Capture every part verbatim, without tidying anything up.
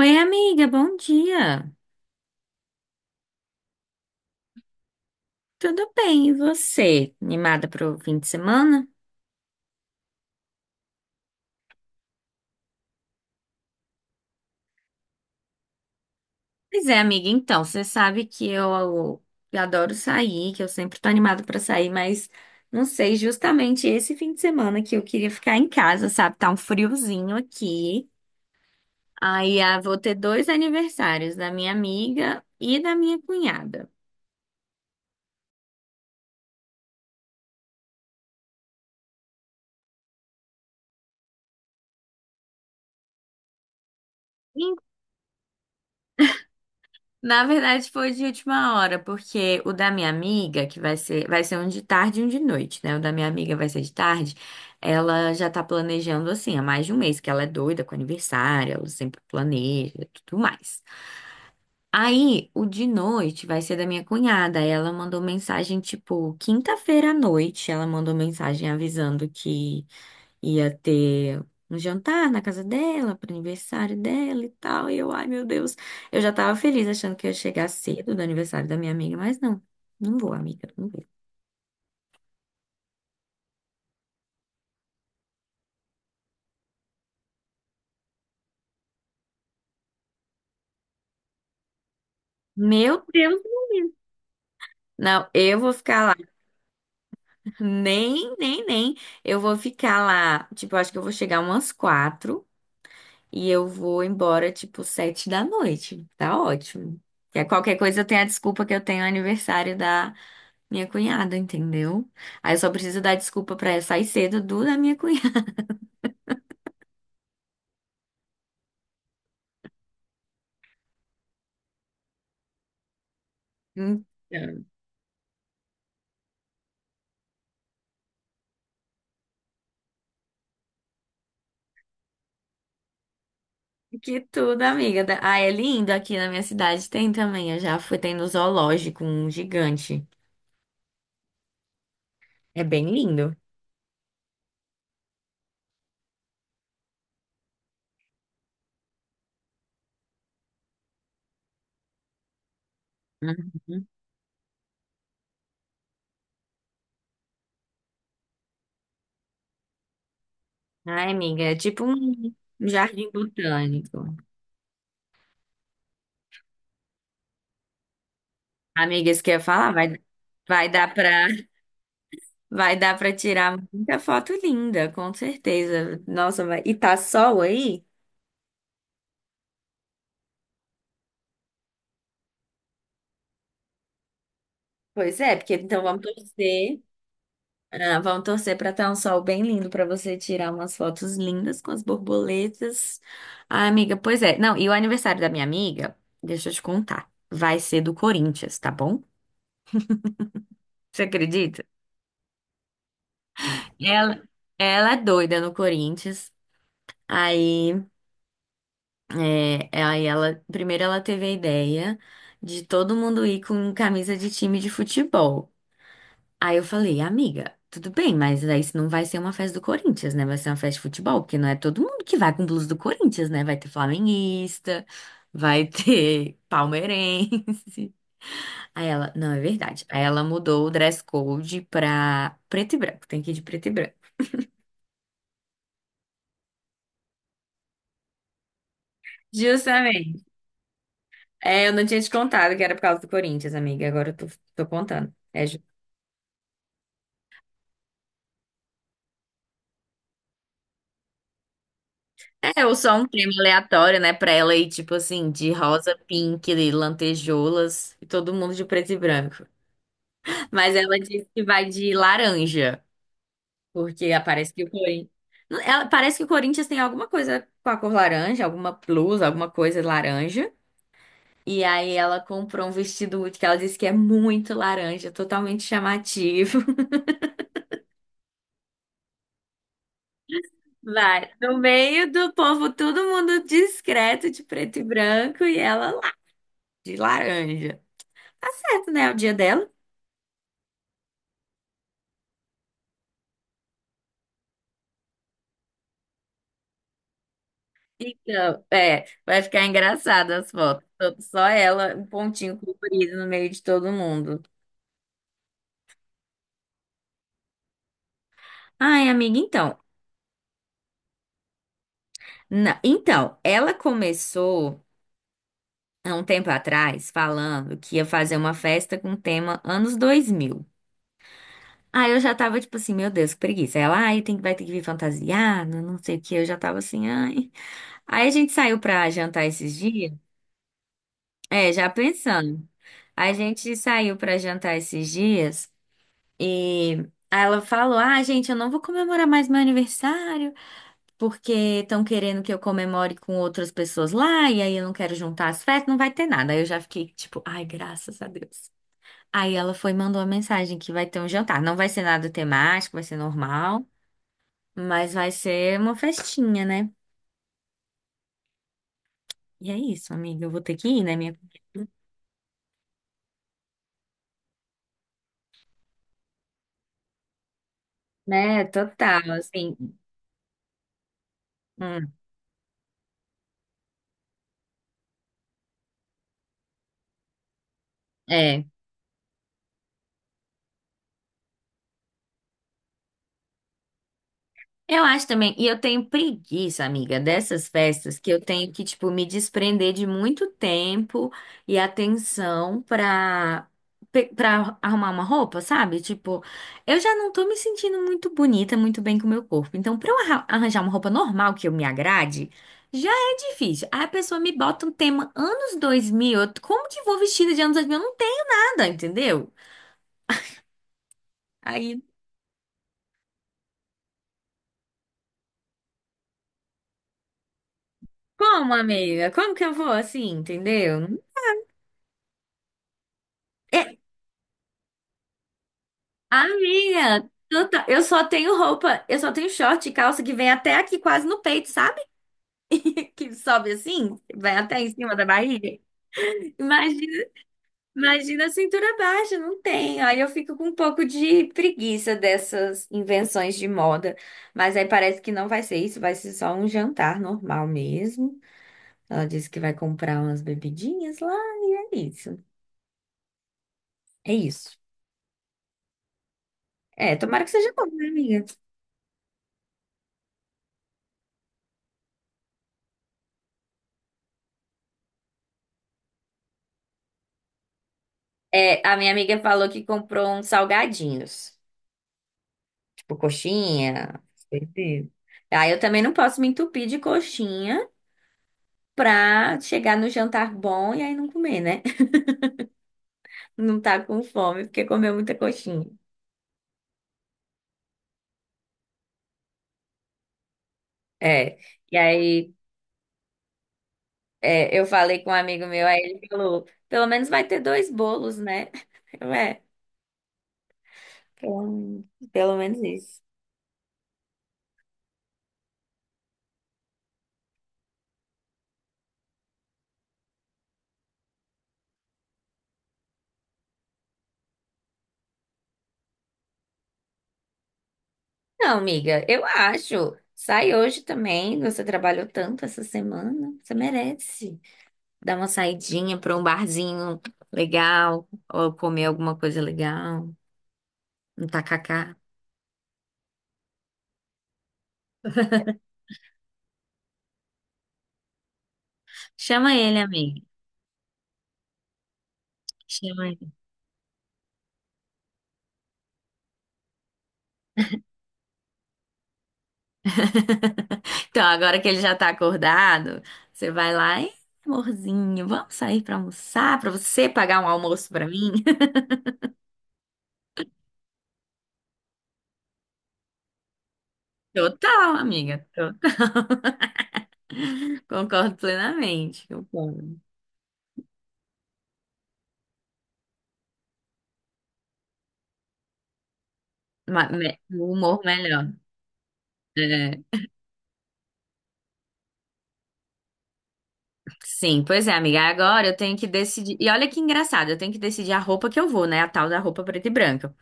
Oi, amiga, bom dia. Tudo bem, e você? Animada para o fim de semana? Pois é, amiga, então, você sabe que eu, eu adoro sair, que eu sempre tô animada para sair, mas não sei, justamente esse fim de semana que eu queria ficar em casa, sabe? Tá um friozinho aqui. Aí, ah, vou ter dois aniversários, da minha amiga e da minha cunhada. Na verdade, foi de última hora, porque o da minha amiga, que vai ser, vai ser um de tarde e um de noite, né? O da minha amiga vai ser de tarde. Ela já tá planejando assim há mais de um mês, que ela é doida com aniversário, ela sempre planeja e tudo mais. Aí, o de noite vai ser da minha cunhada. Ela mandou mensagem, tipo, quinta-feira à noite, ela mandou mensagem avisando que Ia ter um jantar na casa dela, para aniversário dela e tal. E eu, ai meu Deus, eu já tava feliz achando que ia chegar cedo do aniversário da minha amiga, mas não, não vou, amiga, não vou. Meu Deus, não, eu vou ficar lá, nem, nem, nem. Eu vou ficar lá, tipo, eu acho que eu vou chegar umas quatro e eu vou embora, tipo, sete da noite. Tá ótimo. Que é qualquer coisa eu tenho a desculpa que eu tenho aniversário da minha cunhada, entendeu? Aí eu só preciso dar desculpa pra ela sair cedo do da minha cunhada. Então, Que tudo, amiga. Da- Ah, é lindo aqui na minha cidade. Tem também. Eu já fui, tem no zoológico, um gigante. É bem lindo. Uhum. Ai, amiga, é tipo um um jardim botânico. Amiga, isso que eu ia falar, vai, vai dar pra, vai dar pra tirar muita foto linda, com certeza. Nossa, vai... e tá sol aí? Pois é, porque então vamos torcer. Ah, vamos torcer para estar um sol bem lindo para você tirar umas fotos lindas com as borboletas. Ah, amiga, pois é. Não, e o aniversário da minha amiga, deixa eu te contar, vai ser do Corinthians, tá bom? Você acredita? Ela, ela é doida no Corinthians. Aí, é, aí ela, primeiro ela teve a ideia de todo mundo ir com camisa de time de futebol. Aí eu falei, amiga, tudo bem, mas aí isso não vai ser uma festa do Corinthians, né? Vai ser uma festa de futebol, porque não é todo mundo que vai com blusa do Corinthians, né? Vai ter flamenguista, vai ter palmeirense. Aí ela, não, é verdade. Aí ela mudou o dress code pra preto e branco, tem que ir de preto e branco. Justamente. É, eu não tinha te contado que era por causa do Corinthians, amiga, agora eu tô, tô contando. É, ju- é, ou só um tema aleatório, né, pra ela ir, tipo assim, de rosa, pink, lantejoulas, e todo mundo de preto e branco. Mas ela disse que vai de laranja, porque parece que o Corinthians. Ela, parece que o Corinthians tem alguma coisa com a cor laranja, alguma blusa, alguma coisa laranja. E aí ela comprou um vestido muito que ela disse que é muito laranja, totalmente chamativo. Vai, no meio do povo, todo mundo discreto, de preto e branco, e ela lá, de laranja. Tá certo, né? É o dia dela. Então, é, vai ficar engraçado as fotos. Só só ela, um pontinho colorido no meio de todo mundo. Ai, amiga, então. na- então, ela começou há um tempo atrás falando que ia fazer uma festa com tema anos dois mil. Aí eu já tava tipo assim, meu Deus, que preguiça. Ela, ai, tem, que- vai ter que vir fantasiada, não sei o que. Eu já tava assim, ai. Aí a gente saiu pra jantar esses dias. É, já pensando. A gente saiu pra jantar esses dias e aí ela falou: Ah, gente, eu não vou comemorar mais meu aniversário, porque estão querendo que eu comemore com outras pessoas lá, e aí eu não quero juntar as festas, não vai ter nada. Aí eu já fiquei tipo, ai, graças a Deus. Aí ela foi e mandou uma mensagem que vai ter um jantar. Não vai ser nada temático, vai ser normal, mas vai ser uma festinha, né? E é isso, amiga. Eu vou ter que ir, né, minha? Né, total, assim. Hum, é. Eu acho também, e eu tenho preguiça, amiga, dessas festas que eu tenho que, tipo, me desprender de muito tempo e atenção pra, pe- pra arrumar uma roupa, sabe? Tipo, eu já não tô me sentindo muito bonita, muito bem com o meu corpo. Então, pra eu arra- arranjar uma roupa normal que eu me agrade, já é difícil. Aí a pessoa me bota um tema anos dois mil, eu- como que eu vou vestida de anos dois mil? Eu não tenho nada, entendeu? Aí, como, amiga? Como que eu vou assim, entendeu? É, Amiga, tu tá- eu só tenho roupa, eu só tenho short e calça que vem até aqui quase no peito, sabe? Que sobe assim, vai até em cima da barriga. Imagina, imagina a cintura baixa, não tem. Aí eu fico com um pouco de preguiça dessas invenções de moda. Mas aí parece que não vai ser isso, vai ser só um jantar normal mesmo. Ela disse que vai comprar umas bebidinhas lá e é isso. É isso. É, tomara que seja bom, né, amiga? É, a minha amiga falou que comprou uns salgadinhos. Tipo, coxinha. esse- Aí eu também não posso me entupir de coxinha pra chegar no jantar bom e aí não comer, né? Não tá com fome, porque comeu muita coxinha. É. E aí é, eu falei com um amigo meu, aí ele falou, pelo menos vai ter dois bolos, né? Eu, é, pelo, pelo menos isso. Não, amiga, eu acho. Sai hoje também. Você trabalhou tanto essa semana. Você merece dar uma saidinha pra um barzinho legal, ou comer alguma coisa legal, um tacacá. Chama ele, amiga. Chama ele. Então, agora que ele já tá acordado, você vai lá, "Ei, amorzinho, vamos sair pra almoçar, pra você pagar um almoço pra mim?" Total, amiga. to- Concordo plenamente. Concordo. Ma- me- O humor melhor. É, sim, pois é, amiga. Agora eu tenho que decidir. E olha que engraçado, eu tenho que decidir a roupa que eu vou, né? A tal da roupa preta e branca.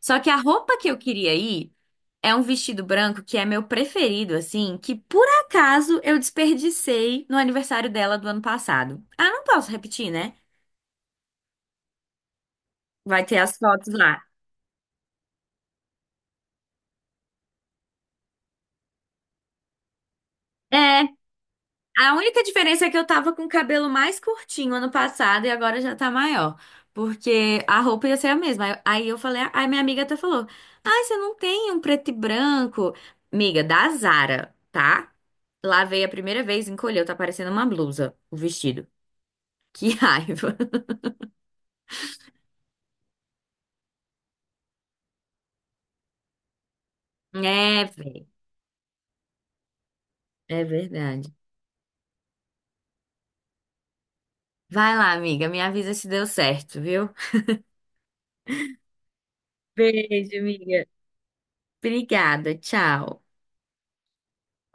Só que a roupa que eu queria ir é um vestido branco que é meu preferido, assim, que por acaso eu desperdicei no aniversário dela do ano passado. Ah, não posso repetir, né? Vai ter as fotos lá. É, a única diferença é que eu tava com o cabelo mais curtinho ano passado e agora já tá maior. Porque a roupa ia ser a mesma. Aí aí eu falei, aí minha amiga até falou: Ai, você não tem um preto e branco? Amiga, da Zara, tá? Lavei a primeira vez, encolheu, tá parecendo uma blusa, o vestido. Que raiva. É, velho. É verdade. Vai lá, amiga. Me avisa se deu certo, viu? Beijo, amiga. Obrigada. Tchau.